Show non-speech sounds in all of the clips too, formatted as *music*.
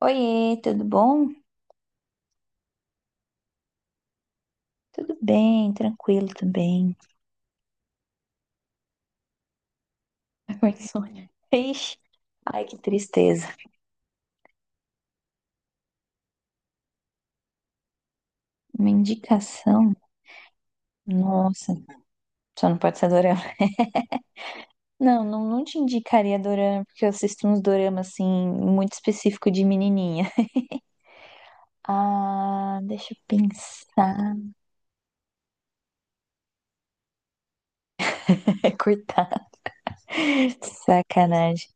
Oiê, tudo bom? Tudo bem, tranquilo também. Oi, Sônia. Ixi, ai, que tristeza. Uma indicação? Nossa, só não pode ser dorama. Não, não, não te indicaria dorama, porque eu assisto uns dorama, assim, muito específico de menininha. Ah, deixa eu pensar. *laughs* É cortar. Sacanagem.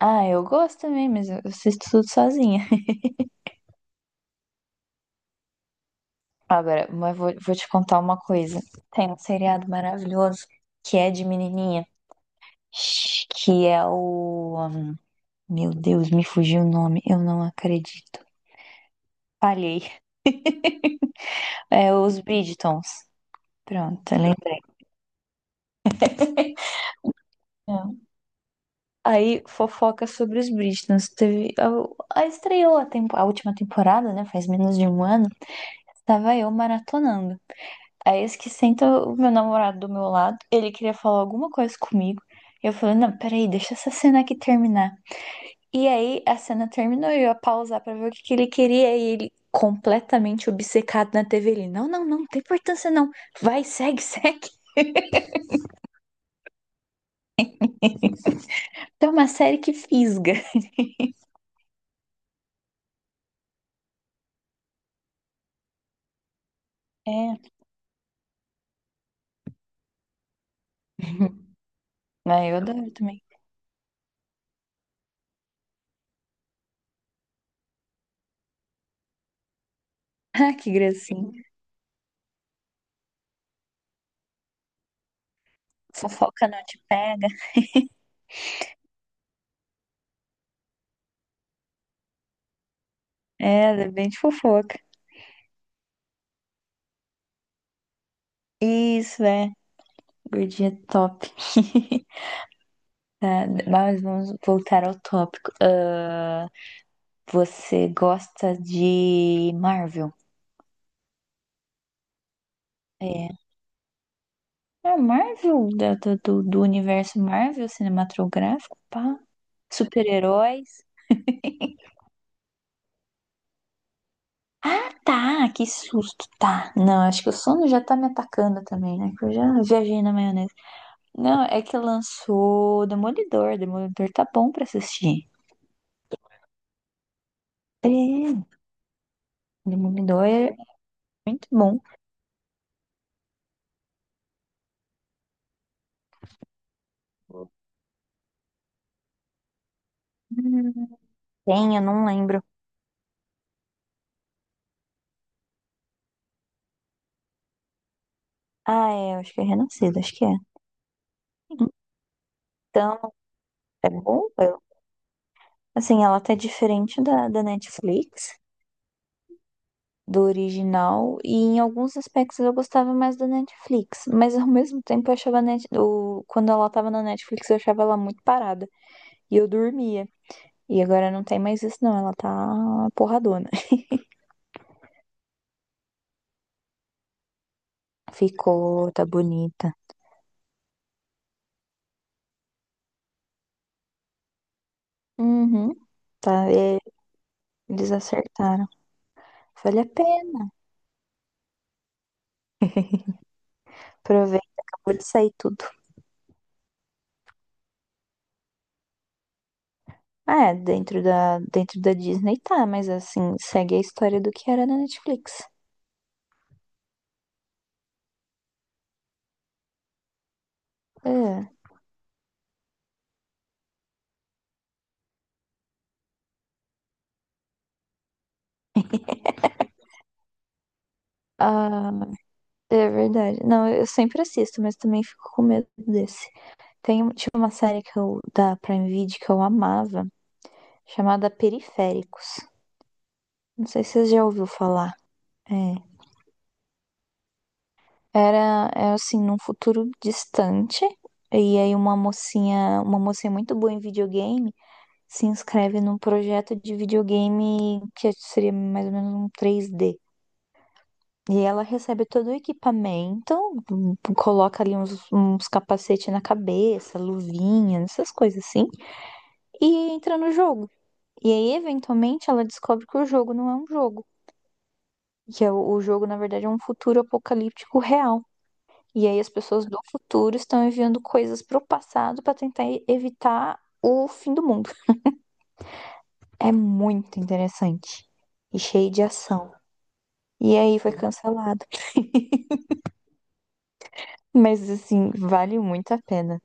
Ah, eu gosto também, mas eu assisto tudo sozinha. Agora, mas vou te contar uma coisa. Tem um seriado maravilhoso que é de menininha. Que é o. Meu Deus, me fugiu o nome, eu não acredito. Falhei. É os Bridgetons. Pronto, lembrei. É. Aí fofoca sobre os Bridgetons. Teve, a estreou a última temporada, né? Faz menos de um ano. Estava eu maratonando. Aí esse que senta o meu namorado do meu lado, ele queria falar alguma coisa comigo. Eu falei, não, peraí, deixa essa cena aqui terminar. E aí a cena terminou e eu ia pausar pra ver o que que ele queria e ele completamente obcecado na TV. Ele, não, não, não, não tem importância não. Vai, segue, *laughs* segue. Então, é uma série que fisga. É. *laughs* Ah, eu adoro também. Ah, que gracinha. Fofoca não te pega. É, ela é bem de fofoca. Isso, é. Gordinha top. *laughs* Tá, mas vamos voltar ao tópico. Ah, você gosta de Marvel? É. É Marvel, do universo Marvel cinematográfico, pá. Super-heróis. Tá, que susto, tá. Não, acho que o sono já tá me atacando também, né? Que eu já viajei na maionese. Não, é que lançou Demolidor. Demolidor tá bom pra assistir. É, Demolidor é muito bom. Hum, Tem, eu não lembro. Ah, é, eu acho que é Renascido, acho que é. Então, é bom. Assim, ela tá diferente da, da Netflix. Do original e em alguns aspectos eu gostava mais da Netflix, mas ao mesmo tempo eu achava quando ela tava na Netflix eu achava ela muito parada e eu dormia. E agora não tem mais isso não, ela tá porradona. *laughs* Ficou, tá bonita. Uhum. Tá, é, eles acertaram. Vale a pena. Aproveita, acabou de sair tudo. Ah, é, dentro da Disney tá, mas assim, segue a história do que era na Netflix. É. Ah, é verdade. Não, eu sempre assisto, mas também fico com medo desse. Tinha uma série que eu, da Prime Video que eu amava, chamada Periféricos. Não sei se você já ouviu falar. É. Era assim, num futuro distante, e aí uma mocinha muito boa em videogame, se inscreve num projeto de videogame que seria mais ou menos um 3D. E ela recebe todo o equipamento, coloca ali uns capacete na cabeça, luvinha, essas coisas assim, e entra no jogo. E aí, eventualmente, ela descobre que o jogo não é um jogo, que é o jogo, na verdade, é um futuro apocalíptico real. E aí, as pessoas do futuro estão enviando coisas pro passado para tentar evitar o fim do mundo. É muito interessante e cheio de ação. E aí, foi cancelado. Mas, assim, vale muito a pena.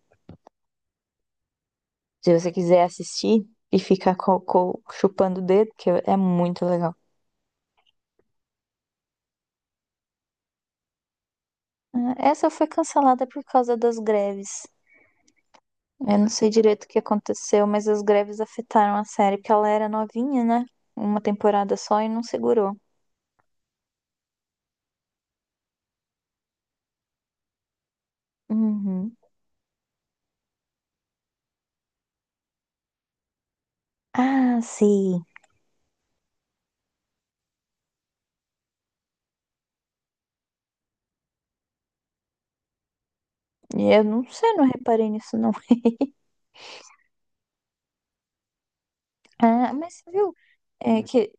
Se você quiser assistir e ficar chupando o dedo, que é muito legal. Ah, essa foi cancelada por causa das greves. Eu não sei direito o que aconteceu, mas as greves afetaram a série, porque ela era novinha, né? Uma temporada só e não segurou. Uhum. Ah, sim. Eu não sei, não reparei nisso, não. Ah, mas você viu? É que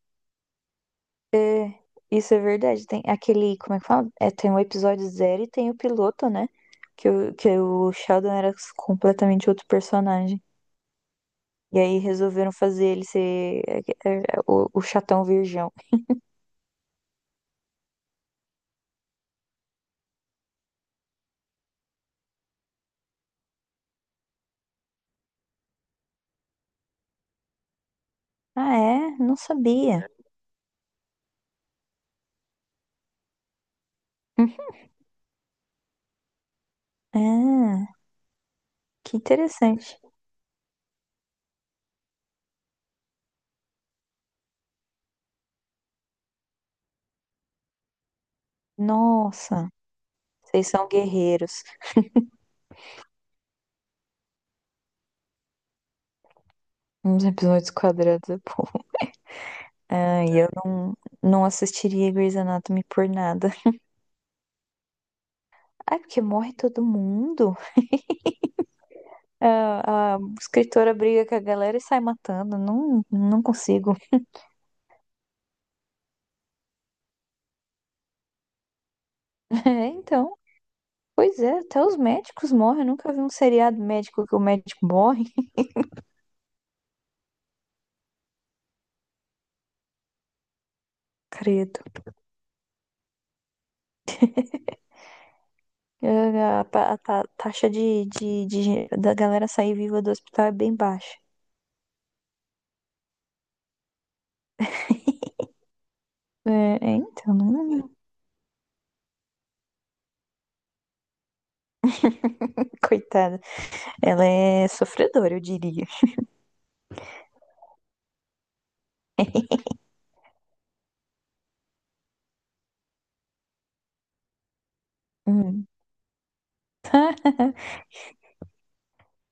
isso é verdade. Tem aquele, como é que fala? É, tem o episódio zero e tem o piloto, né? Que o Sheldon era completamente outro personagem. E aí resolveram fazer ele ser é, o chatão virgão. Ah, é? Não sabia. Uhum. Ah, que interessante. Nossa, vocês são guerreiros. Uns episódios quadrados é bom. Ah, e eu não, não assistiria Grey's Anatomy por nada. Ai, porque morre todo mundo. Ah, a escritora briga com a galera e sai matando. Não, não consigo. *laughs* É, então. Pois é, até os médicos morrem. Eu nunca vi um seriado médico que o médico morre. Credo. É, a taxa da galera sair viva do hospital é bem baixa. É, então. *laughs* Coitada. Ela é sofredora, eu diria. Hum. *laughs*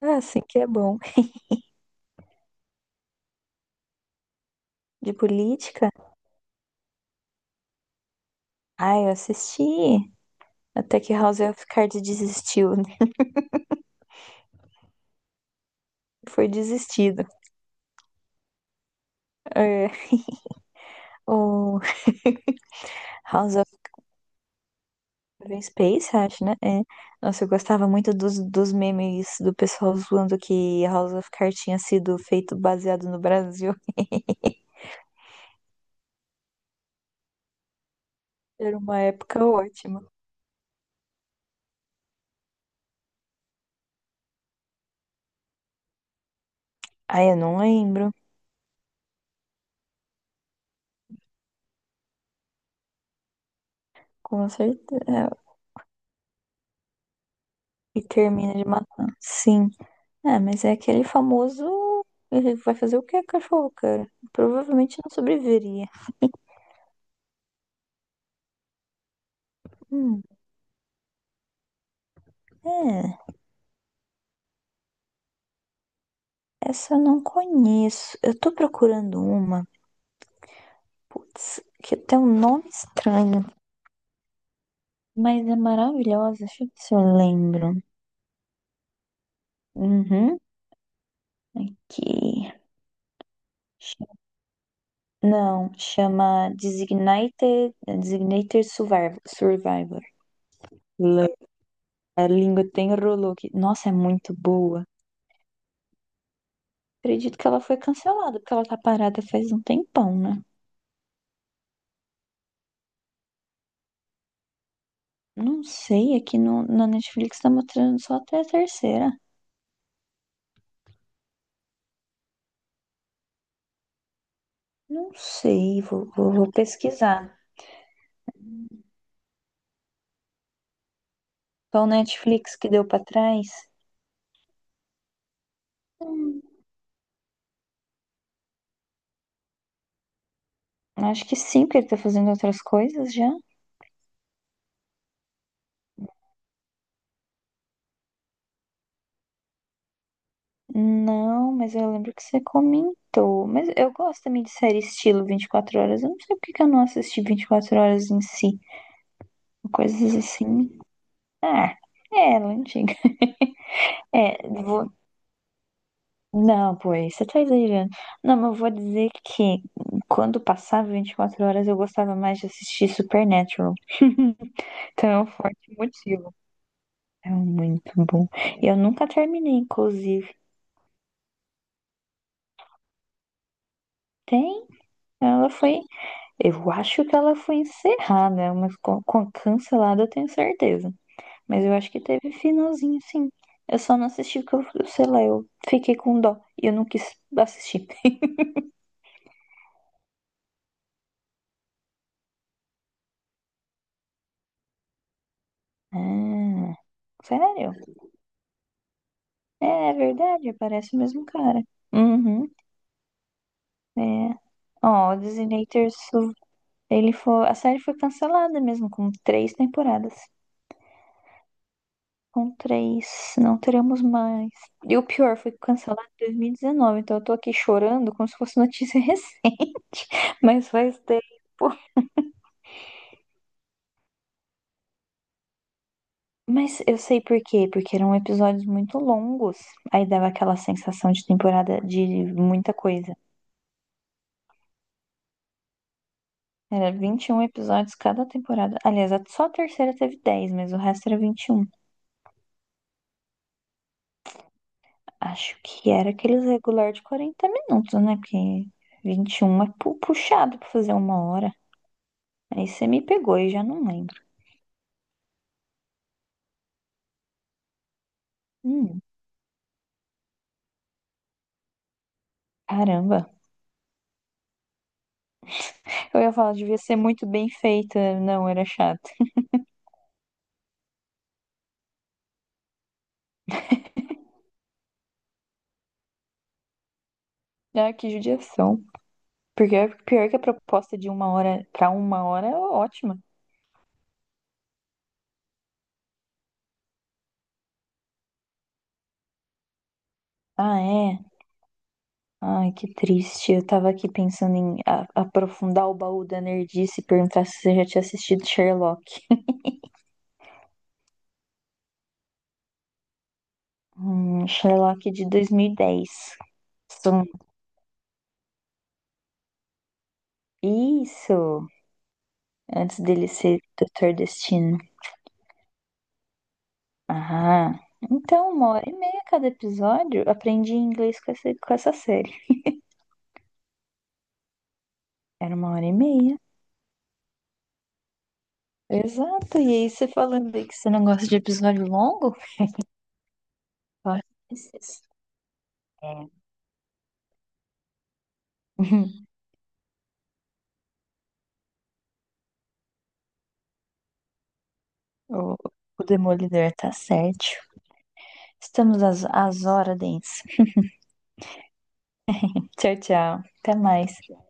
Ah, sim, que é bom. De política? Ah, eu assisti. Até que House of Cards desistiu, né? Foi desistido. É, o *laughs* House of Kevin Space, acho, né? É. Nossa, eu gostava muito dos memes do pessoal zoando que House of Cards tinha sido feito baseado no Brasil. Era uma época ótima. Ai, eu não lembro. Com certeza. É, e termina de matar. Sim. É, mas é aquele famoso. Ele vai fazer o que, cachorro, cara? Provavelmente não sobreviveria. Hum, é, essa eu não conheço. Eu tô procurando uma. Putz, que tem um nome estranho. Mas é maravilhosa. Deixa eu ver se eu lembro. Uhum. Que. Não, chama Designated Survivor. Survivor. A língua tem rolô que, nossa, é muito boa. Acredito que ela foi cancelada, porque ela tá parada faz um tempão, né? Não sei, aqui no, na Netflix tá mostrando só até a terceira. Não sei, vou pesquisar. Só o Netflix que deu pra trás? Hum, acho que sim, porque ele tá fazendo outras coisas já. Não, mas eu lembro que você comentou. Mas eu gosto também de série estilo 24 horas. Eu não sei porque que eu não assisti 24 horas em si. Coisas assim. Ah, é, ela é antiga. *laughs* É. Não, pois, você tá exagerando. Não, mas eu vou dizer que quando passava 24 horas eu gostava mais de assistir Supernatural. *laughs* Então é um forte motivo. É muito bom. Eu nunca terminei, inclusive. Tem? Ela foi. Eu acho que ela foi encerrada, mas cancelada eu tenho certeza. Mas eu acho que teve finalzinho, sim. Eu só não assisti porque eu, sei lá, eu fiquei com dó e eu não quis assistir. Ah, sério? É verdade, parece o mesmo cara. Uhum. É. Ó, ele foi, a série foi cancelada mesmo, com três temporadas. Com três, não teremos mais. E o pior, foi cancelado em 2019, então eu tô aqui chorando como se fosse notícia *laughs* recente, mas faz tempo. Mas eu sei por quê, porque eram episódios muito longos, aí dava aquela sensação de temporada de muita coisa. Era 21 episódios cada temporada. Aliás, só a terceira teve 10, mas o resto era 21. Acho que era aqueles regular de 40 minutos, né? Porque 21 é puxado pra fazer uma hora. Aí você me pegou e já não lembro. Hum, caramba. Eu ia falar, devia ser muito bem feita. Não, era chato. Ah, que judiação. Porque é pior que a proposta de uma hora pra uma hora é ótima. Ah, é. Ai, que triste. Eu tava aqui pensando em aprofundar o baú da nerdice e perguntar se você já tinha assistido Sherlock. Sherlock de 2010. São- Isso! Antes dele ser Doutor Destino. Ah, então uma hora e meia cada episódio. Aprendi inglês com essa série. Era uma hora e meia. Exato. E aí você falando aí que você não gosta de episódio longo? Eu acho que é isso. É. *laughs* O, o Demolidor tá certo. Estamos às horas, Dens. Tchau, tchau. Até mais.